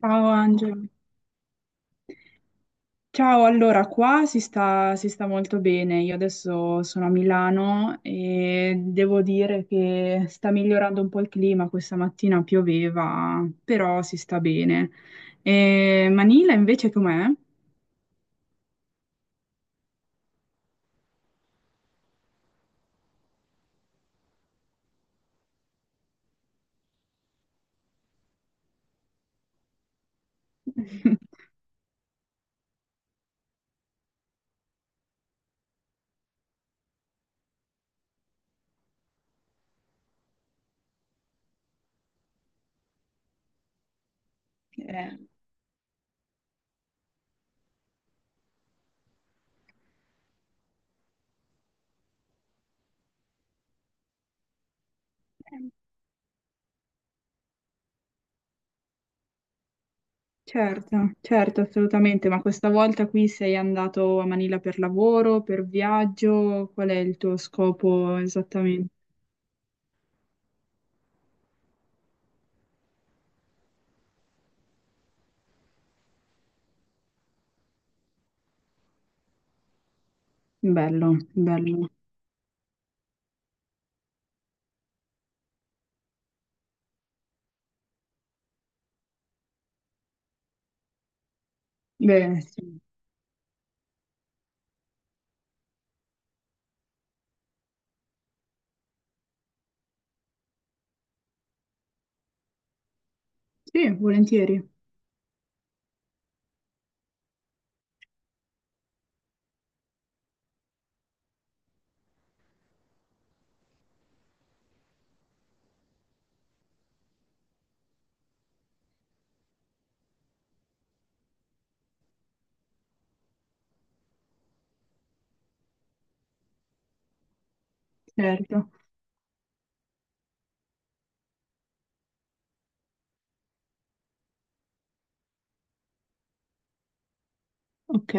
Ciao Angelo. Ciao, allora qua si sta molto bene. Io adesso sono a Milano e devo dire che sta migliorando un po' il clima. Questa mattina pioveva, però si sta bene. E Manila invece com'è? Eh, certo, certo, assolutamente. Ma questa volta qui sei andato a Manila per lavoro, per viaggio? Qual è il tuo scopo esattamente? Bello, bello. Beh, sì. Sì, volentieri, certo. Ok,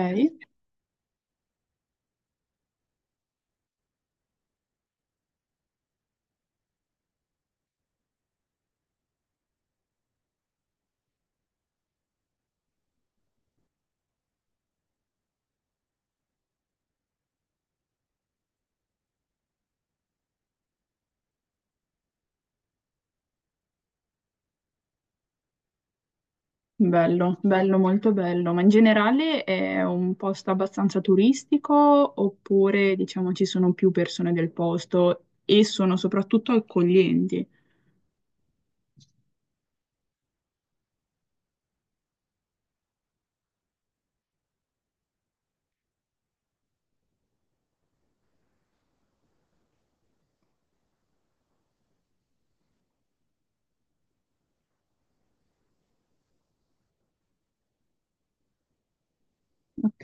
bello, bello, molto bello. Ma in generale è un posto abbastanza turistico oppure, diciamo, ci sono più persone del posto e sono soprattutto accoglienti? Ok,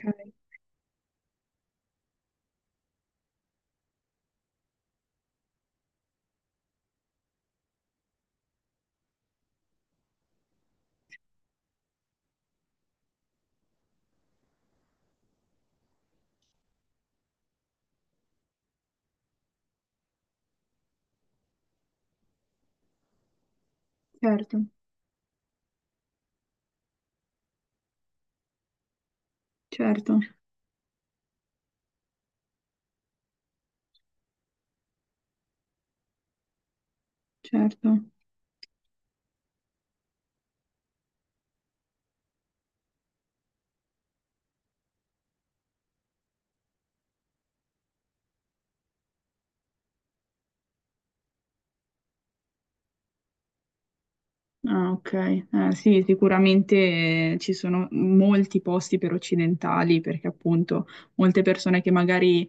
certo, certo, certo. Ah, ok. Sì, sicuramente ci sono molti posti per occidentali, perché appunto molte persone che magari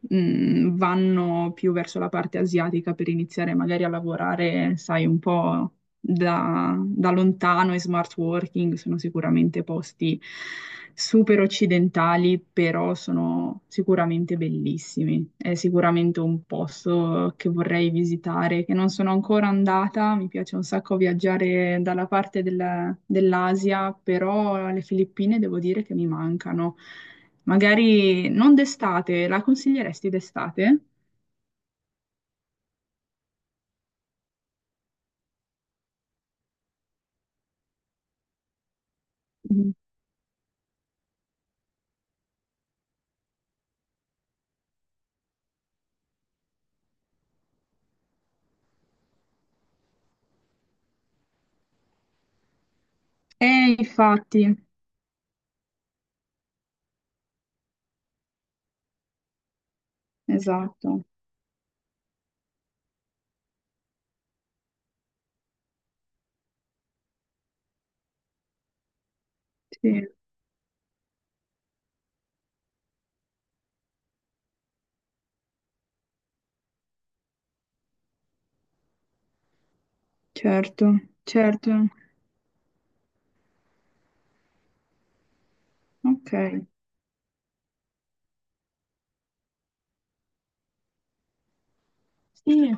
vanno più verso la parte asiatica per iniziare magari a lavorare, sai, un po' da lontano e smart working sono sicuramente posti super occidentali, però sono sicuramente bellissimi. È sicuramente un posto che vorrei visitare, che non sono ancora andata. Mi piace un sacco viaggiare dalla parte del- dell'Asia, però le Filippine devo dire che mi mancano. Magari non d'estate, la consiglieresti d'estate? Mhm. Infatti, esatto. Sì. Certo, certo, ok. Sì,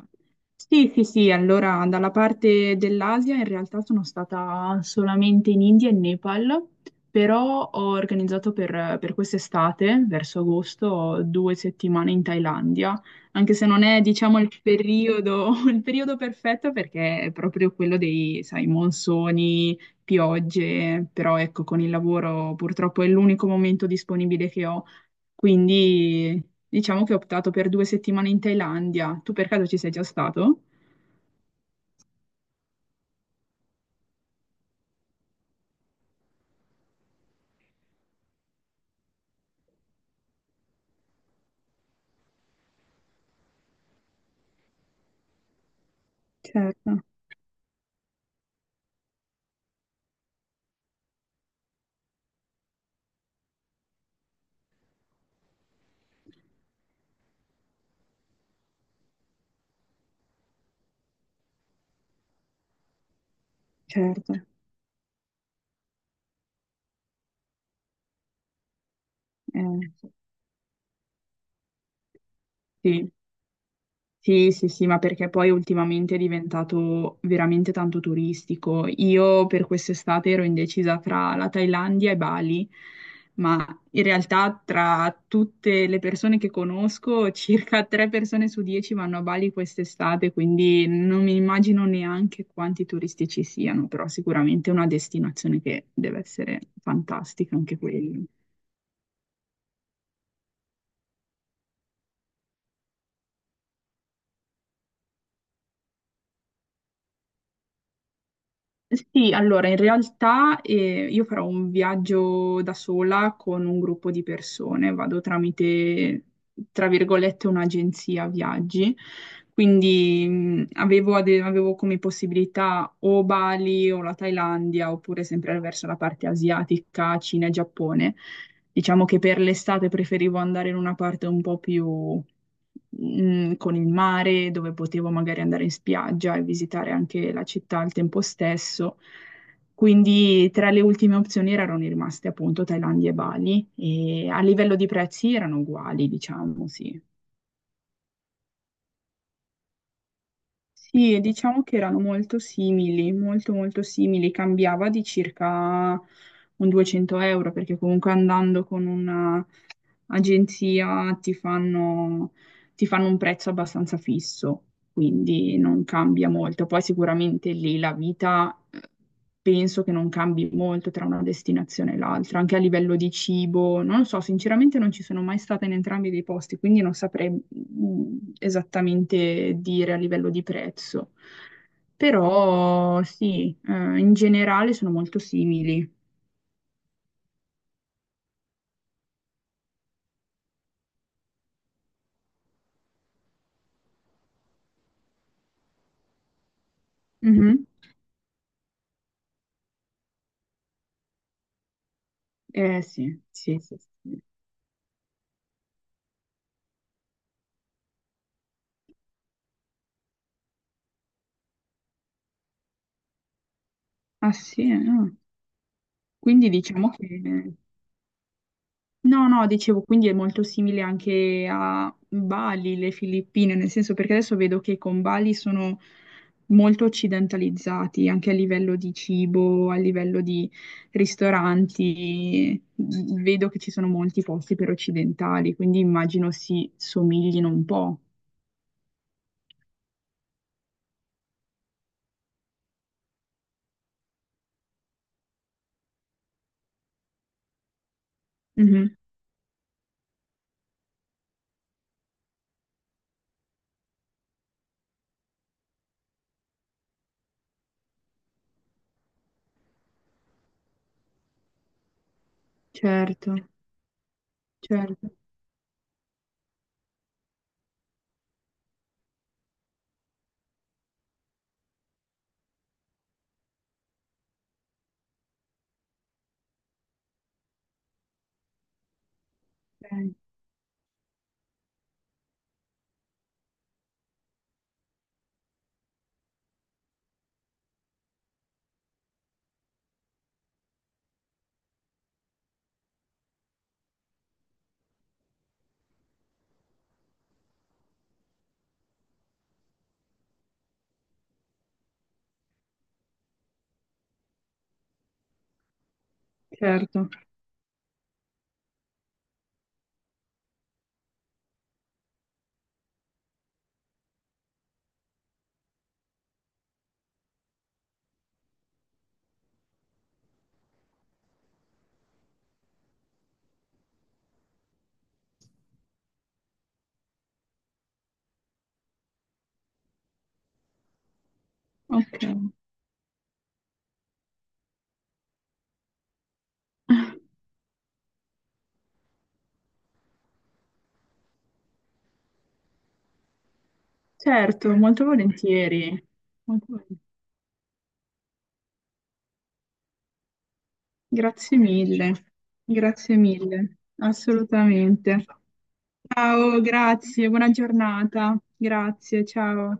sì, sì, sì, allora dalla parte dell'Asia in realtà sono stata solamente in India e Nepal, però ho organizzato per quest'estate, verso agosto, 2 settimane in Thailandia, anche se non è, diciamo, il periodo, il periodo perfetto perché è proprio quello dei, sai, monsoni, piogge, però ecco, con il lavoro purtroppo è l'unico momento disponibile che ho. Quindi diciamo che ho optato per 2 settimane in Thailandia. Tu per caso ci sei già stato? Certo, certo. Eh, sì, sì, sì, sì, ma perché poi ultimamente è diventato veramente tanto turistico. Io per quest'estate ero indecisa tra la Thailandia e Bali, ma in realtà tra tutte le persone che conosco, circa tre persone su 10 vanno a Bali quest'estate, quindi non mi immagino neanche quanti turisti ci siano, però sicuramente è una destinazione che deve essere fantastica anche quella. Sì, allora in realtà io farò un viaggio da sola con un gruppo di persone, vado tramite, tra virgolette, un'agenzia viaggi, quindi avevo come possibilità o Bali o la Thailandia oppure sempre verso la parte asiatica, Cina e Giappone. Diciamo che per l'estate preferivo andare in una parte un po' più con il mare, dove potevo magari andare in spiaggia e visitare anche la città al tempo stesso. Quindi tra le ultime opzioni erano rimaste appunto Thailandia e Bali e a livello di prezzi erano uguali, diciamo, sì. Sì, diciamo che erano molto simili, molto molto simili, cambiava di circa un 200 euro perché comunque andando con una agenzia ti fanno un prezzo abbastanza fisso, quindi non cambia molto. Poi sicuramente lì la vita penso che non cambi molto tra una destinazione e l'altra, anche a livello di cibo, non lo so, sinceramente non ci sono mai stata in entrambi dei posti, quindi non saprei esattamente dire a livello di prezzo. Però sì, in generale sono molto simili. Mhm. Eh sì, sì, sì, sì. Ah sì, no. Quindi diciamo che. No, no, dicevo, quindi è molto simile anche a Bali, le Filippine, nel senso perché adesso vedo che con Bali sono molto occidentalizzati, anche a livello di cibo, a livello di ristoranti. Vedo che ci sono molti posti per occidentali, quindi immagino si somiglino un po'. Mhm, certo, certo, ok, certo, ok. Certo, molto volentieri. Molto volentieri. Grazie mille, grazie mille, assolutamente. Ciao, grazie, buona giornata. Grazie, ciao.